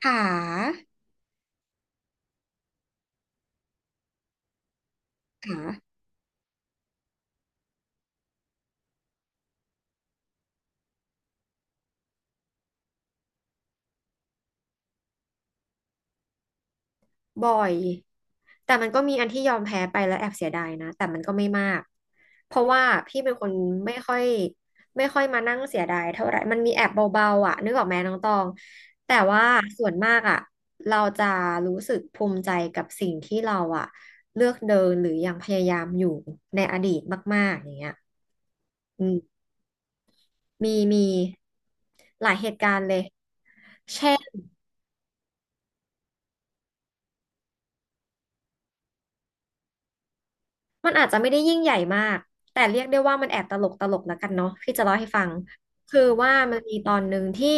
ขาขาบ่อยแต่มันก็มีอันที่ยอมแพ้ไปแล้วแอบเสียดายนะแต่มันก็ไม่มากเพราะว่าพี่เป็นคนไม่ค่อยไม่ค่อยมานั่งเสียดายเท่าไหร่มันมีแอบเบาๆอ่ะนึกออกไหมน้องตองแต่ว่าส่วนมากอ่ะเราจะรู้สึกภูมิใจกับสิ่งที่เราอ่ะเลือกเดินหรือยังพยายามอยู่ในอดีตมากๆอย่างเงี้ยอืมมีหลายเหตุการณ์เลยเช่น มันอาจจะไม่ได้ยิ่งใหญ่มากแต่เรียกได้ว่ามันแอบตลกตลกแล้วกันเนาะพี่จะเล่าให้ฟังคือว่ามันมีตอนหนึ่งที่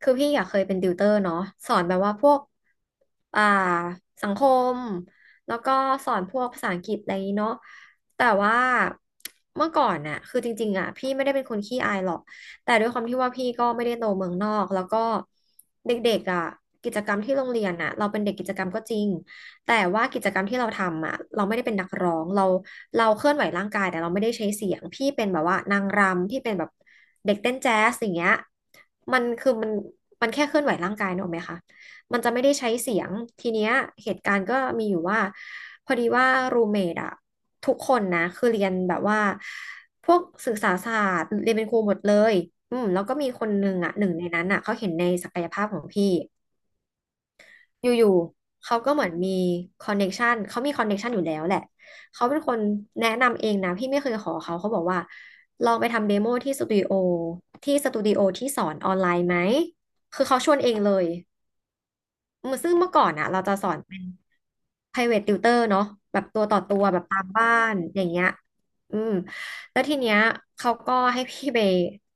คือพี่อยากเคยเป็นติวเตอร์เนาะสอนแบบว่าพวกอ่าสังคมแล้วก็สอนพวกภาษาอังกฤษอะไรอย่างนี้เนาะแต่ว่าเมื่อก่อนน่ะคือจริงๆอ่ะพี่ไม่ได้เป็นคนขี้อายหรอกแต่ด้วยความที่ว่าพี่ก็ไม่ได้โตเมืองนอกแล้วก็เด็กๆอ่ะกิจกรรมที่โรงเรียนอ่ะเราเป็นเด็กกิจกรรมก็จริง แต่ว่ากิจกรรมที่เราทำอ่ะเราไม่ได้เป็นนักร้องเราเคลื่อนไหวร่างกายแต่เราไม่ได้ใช้เสียงพี่เป็นแบบว่านางรำพี่เป็นแบบเด็กเต้นแจ๊สอย่างเงี้ยมันคือมันมันแค่เคลื่อนไหวร่างกายนึกออกไหมคะมันจะไม่ได้ใช้เสียงทีเนี้ยเหตุการณ์ก็มีอยู่ว่าพอดีว่ารูเมดอะทุกคนนะคือเรียนแบบว่าพวกศึกษาศาสตร์เรียนเป็นครูหมดเลยอืมแล้วก็มีคนหนึ่งอะหนึ่งในนั้นอะเขาเห็นในศักยภาพของพี่ อยู่ๆ เขาก็เหมือนมีคอนเน็กชันเขามีคอนเน็กชันอยู่แล้วแหละ เขาเป็นคนแนะนำเองนะ พี่ไม่เคยขอเขา เขาบอกว่าลองไปทำเดโมที่สตูดิโอที่สอนออนไลน์ไหม คือเขาชวนเองเลยอืมซึ่งเมื่อก่อนอะเราจะสอนเป็น private tutor เนาะแบบตัวต่อตัวแบบตามบ้านอย่างเงี้ยอืม แล้วทีเนี้ยเขาก็ให้พี่ไป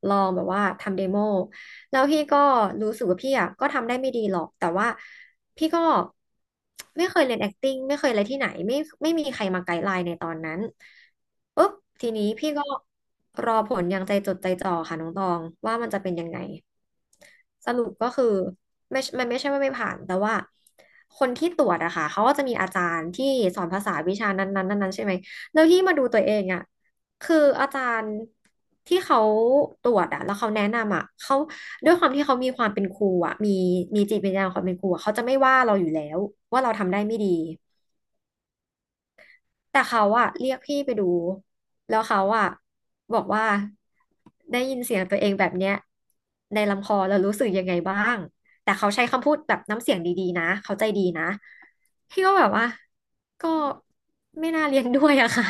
ลองแบบว่าทำเดโมแล้วพี่ก็รู้สึกว่าพี่อ่ะก็ทำได้ไม่ดีหรอก แต่ว่า พี่ก็ไม่เคยเรียน acting ไม่เคยอะไรที่ไหนไม่มีใครมาไกด์ไลน์ในตอนนั้นปุ๊บทีนี้พี่ก็รอผลอย่างใจจดใจจ่อค่ะน้องตองว่ามันจะเป็นยังไงสรุปก็คือไม่มันไม่ใช่ว่าไม่ผ่านแต่ว่าคนที่ตรวจอะค่ะเขาก็จะมีอาจารย์ที่สอนภาษาวิชานั้นๆนั้นๆใช่ไหมแล้วที่มาดูตัวเองอะคืออาจารย์ที่เขาตรวจอะแล้วเขาแนะนำอะเขา ด้วยความที่เขามีความเป็นครูอะมีจิตวิญญาณความเป็นครูอะเขาจะไม่ว่าเราอยู่แล้วว่าเราทำได้ไม่ดีแต่เขาอะเรียกพี่ไปดูแล้วเขาอะบอกว่าได้ยินเสียงตัวเองแบบเนี้ยในลำคอแล้วรู้สึกยังไงบ้างแต่เขาใช้คำพูดแบบน้ำเสียงดีๆนะเขาใจดีนะพี่ก็แบบว่าก็ไม่น่าเรียนด้วยอะค่ะ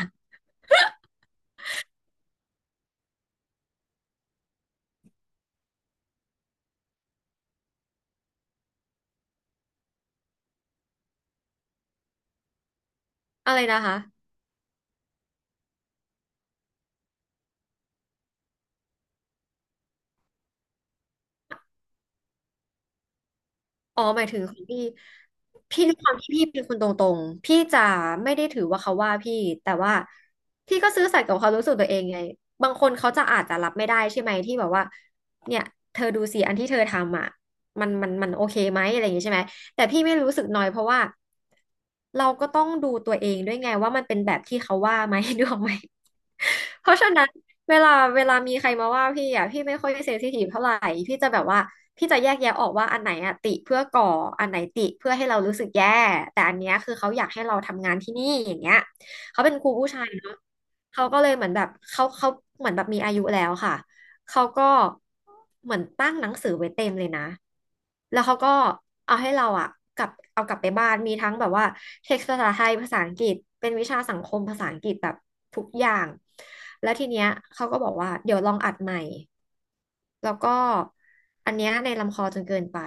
อะไรนะคะ อ๋อหมายถึงของพี่พี่ด้วยความที่พี่เป็นคนตรงๆพี่จะไม่ได้ถือว่าเขาว่าพี่แต่ว่าพี่ก็ซื่อสัตย์กับความรู้สึกตัวเองไงบางคนเขาจะอาจจะรับไม่ได้ใช่ไหมที่แบบว่าเนี่ยเธอดูสิอันที่เธอทำอ่ะมันโอเคไหมอะไรอย่างงี้ใช่ไหมแต่พี่ไม่รู้สึกน้อยเพราะว่าเราก็ต้องดูตัวเองด้วยไงว่ามันเป็นแบบที่เขาว่าไหม นึกออกไหม เพราะฉะนั้นเวลาเวลามีใครมาว่าพี่อ่ะพี่ไม่ค่อยเซนซิทีฟเท่าไหร่พี่จะแบบว่าพี่จะแยกแยะออกว่าอันไหนอ่ะติเพื่อก่ออันไหนติเพื่อให้เรารู้สึกแย่แต่อันเนี้ยคือเขาอยากให้เราทำงานที่นี่อย่างเงี้ยเขาเป็นครูผู้ชายเนาะเขาก็เลยเหมือนแบบเขาเหมือนแบบมีอายุแล้วค่ะ เขาก็เหมือนตั้งหนังสือไว้เต็มเลยนะแล้วเขาก็เอาให้เราอะกลับเอากลับไปบ้านมีทั้งแบบว่าเท็กซ์ภาษาไทยภาษาอังกฤษเป็นวิชาสังคมภาษาอังกฤษแบบทุกอย่างแล้วทีเนี้ยเขาก็บอกว่าเดี๋ยวลองอัดใหม่แล้วก็อันเนี้ยในลำคอจนเกินไป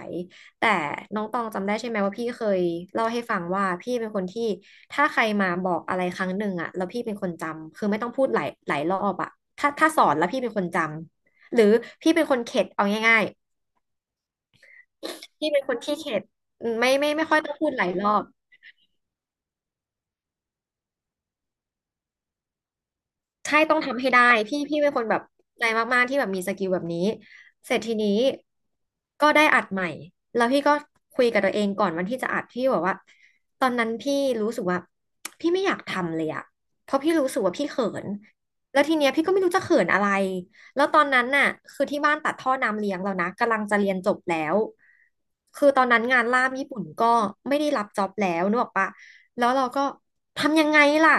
แต่น้องตองจำได้ใช่ไหมว่าพี่เคยเล่าให้ฟังว่าพี่เป็นคนที่ถ้าใครมาบอกอะไรครั้งหนึ่งอะแล้วพี่เป็นคนจำคือไม่ต้องพูดหลายรอบอะถ้าสอนแล้วพี่เป็นคนจำ หรือพี่เป็นคนเข็ดเอาง่ายๆ พี่เป็นคนขี้เข็ดไม่ค่อยต้องพูดหลายรอบ ใช่ต้องทำให้ได้พี่เป็นคนแบบใจมากๆที่แบบมีสกิลแบบนี้เสร็จทีนี้ก็ได้อัดใหม่แล้วพี่ก็คุยกับตัวเองก่อนวันที่จะอัดพี่บอกว่าตอนนั้นพี่รู้สึกว่าพี่ไม่อยากทำเลยอะเพราะพี่รู้สึกว่าพี่เขินแล้วทีเนี้ยพี่ก็ไม่รู้จะเขินอะไรแล้วตอนนั้นน่ะคือที่บ้านตัดท่อน้ำเลี้ยงแล้วนะกำลังจะเรียนจบแล้วคือตอนนั้นงานล่ามญี่ปุ่นก็ไม่ได้รับจ็อบแล้วนึกออกปะแล้วเราก็ทำยังไงล่ะ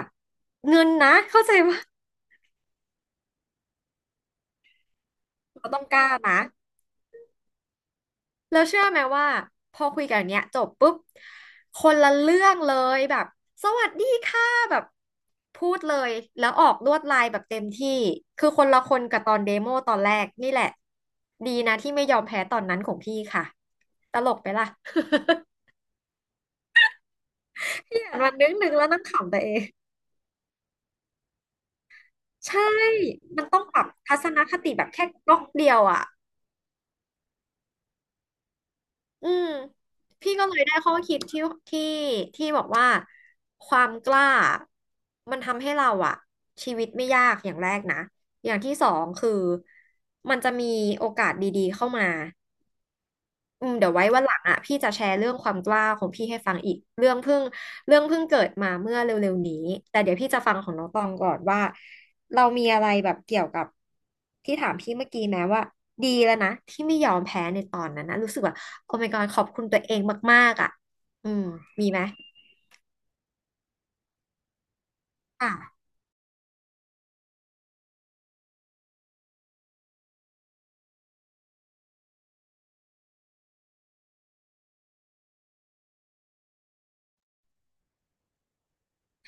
เงินนะเข้าใจปะ เราต้องกล้านะ แล้วเชื่อไหมว่าพอคุยกันเนี้ยจบปุ๊บคนละเรื่องเลยแบบสวัสดีค่ะแบบพูดเลยแล้วออกลวดลายแบบเต็มที่คือคนละคนกับตอนเดโมตอนแรกนี่แหละดีนะที่ไม่ยอมแพ้ตอนนั้นของพี่ค่ะตลกไปล่ะ พี่อ่านวัน นึงแล้วนั่งขำตัวเองใช่มันต้องปรับทัศนคติแบบแค่ก๊อกเดียวอ่ะ อืมพี่ก็เลยได้ข้อคิดที่ที่บอกว่าความกล้ามันทำให้เราอะชีวิตไม่ยากอย่างแรกนะอย่างที่สองคือมันจะมีโอกาสดีๆเข้ามา อืมเดี๋ยวไว้วันหลังอ่ะพี่จะแชร์เรื่องความกล้าของพี่ให้ฟังอีกเรื่องเพิ่งเรื่องเพิ่งเกิดมาเมื่อเร็วๆนี้แต่เดี๋ยวพี่จะฟังของน้องตองก่อนว่าเรามีอะไรแบบเกี่ยวกับที่ถามพี่เมื่อกี้แม้ว่าดีแล้วนะที่ไม่ยอมแพ้ในตอนนั้นนะรู้สึกว่าโอ้ my god ขอบคุณตัวเองมากๆอ่ะอืมมีไหมค่ะ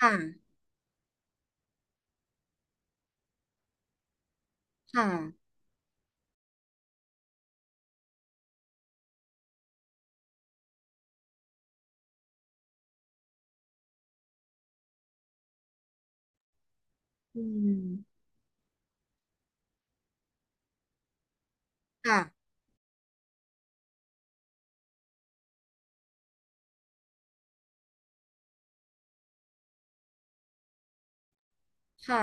ค่ะค่ะอืมค่ะค่ะ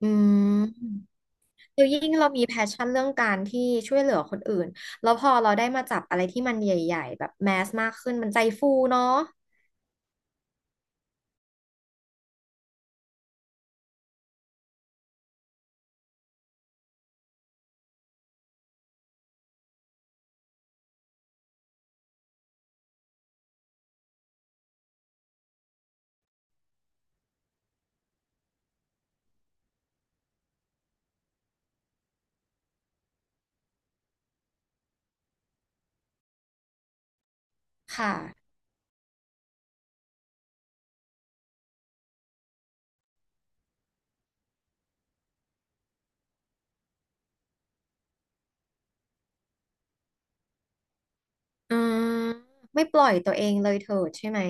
อืม คือยิ่งเรามีแพชชั่นเรื่องการที่ช่วยเหลือคนอื่นแล้วพอเราได้มาจับอะไรที่มันใหญ่ๆแบบแมสมากขึ้นมันใจฟูเนาะค่ะอืมไม่ปล่อยตัวเองเลยเถิดใช่ไหม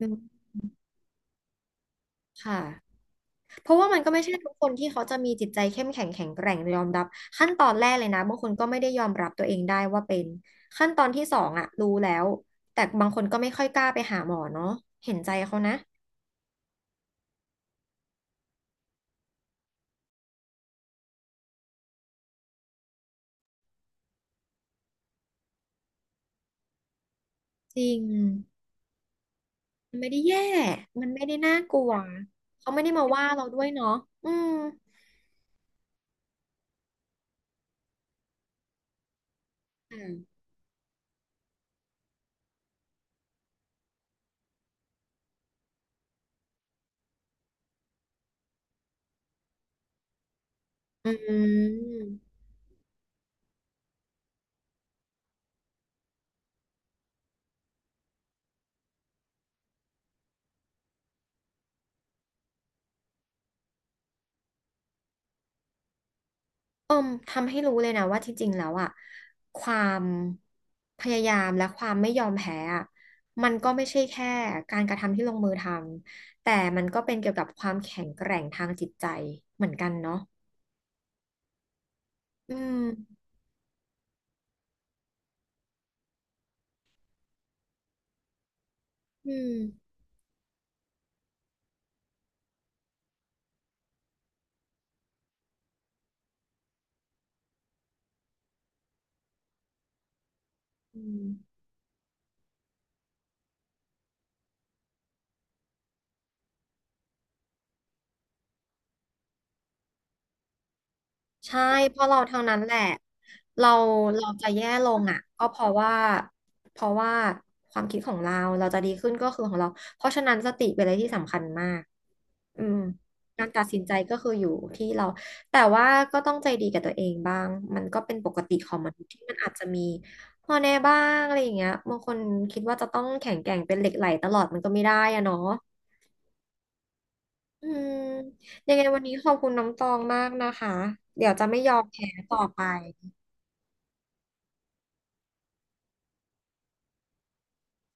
อืมค่ะเพราะว่ามันก็ไม่ใช่ทุกคนที่เขาจะมีจิตใจเข้มแข็งแข็งแกร่งยอมรับขั้นตอนแรกเลยนะบางคนก็ไม่ได้ยอมรับตัวเองได้ว่าเป็นขั้นตอนที่สองอะรู้แล้วแต่บางคนก็ไม่ค่อยกล้าไปหาหมอเนาะเห็นใจเขานะจริง มันไม่ได้แย่ มันไม่ได้น่ากลัว เขาไม่ได้มาว่าเราด้วยเนาะอืมอืมอืมเอิ่มทำให้รู้เลยนะว่าที่จริงแล้วอะความพยายามและความไม่ยอมแพ้อะมันก็ไม่ใช่แค่การกระทำที่ลงมือทำ แต่มันก็เป็นเกี่ยวกับความแข็งแกร่งทางจิตใจเหมือนกันเนาะอืม อืมอืม ใช่เพราะเราเท่านั้นแหละเราเราจะแย่ลงอ่ะก็เพราะว่าเพราะว่าความคิดของเราเราจะดีขึ้นก็คือของเราเพราะฉะนั้นสติเป็นอะไรที่สำคัญมากอืมการตัดสินใจก็คืออยู่ที่เราแต่ว่าก็ต้องใจดีกับตัวเองบ้างมันก็เป็นปกติของมนุษย์ที่มันอาจจะมีข้อแน่บ้างอะไรอย่างเงี้ยบางคนคิดว่าจะต้องแข็งแกร่งเป็นเหล็กไหลตลอดมันก็ไม่ได้อะเนาะอืมยังไงวันนี้ขอบคุณน้องตองมากนะคะเดี๋ยวจะไม่ยอมแพ้ต่อไป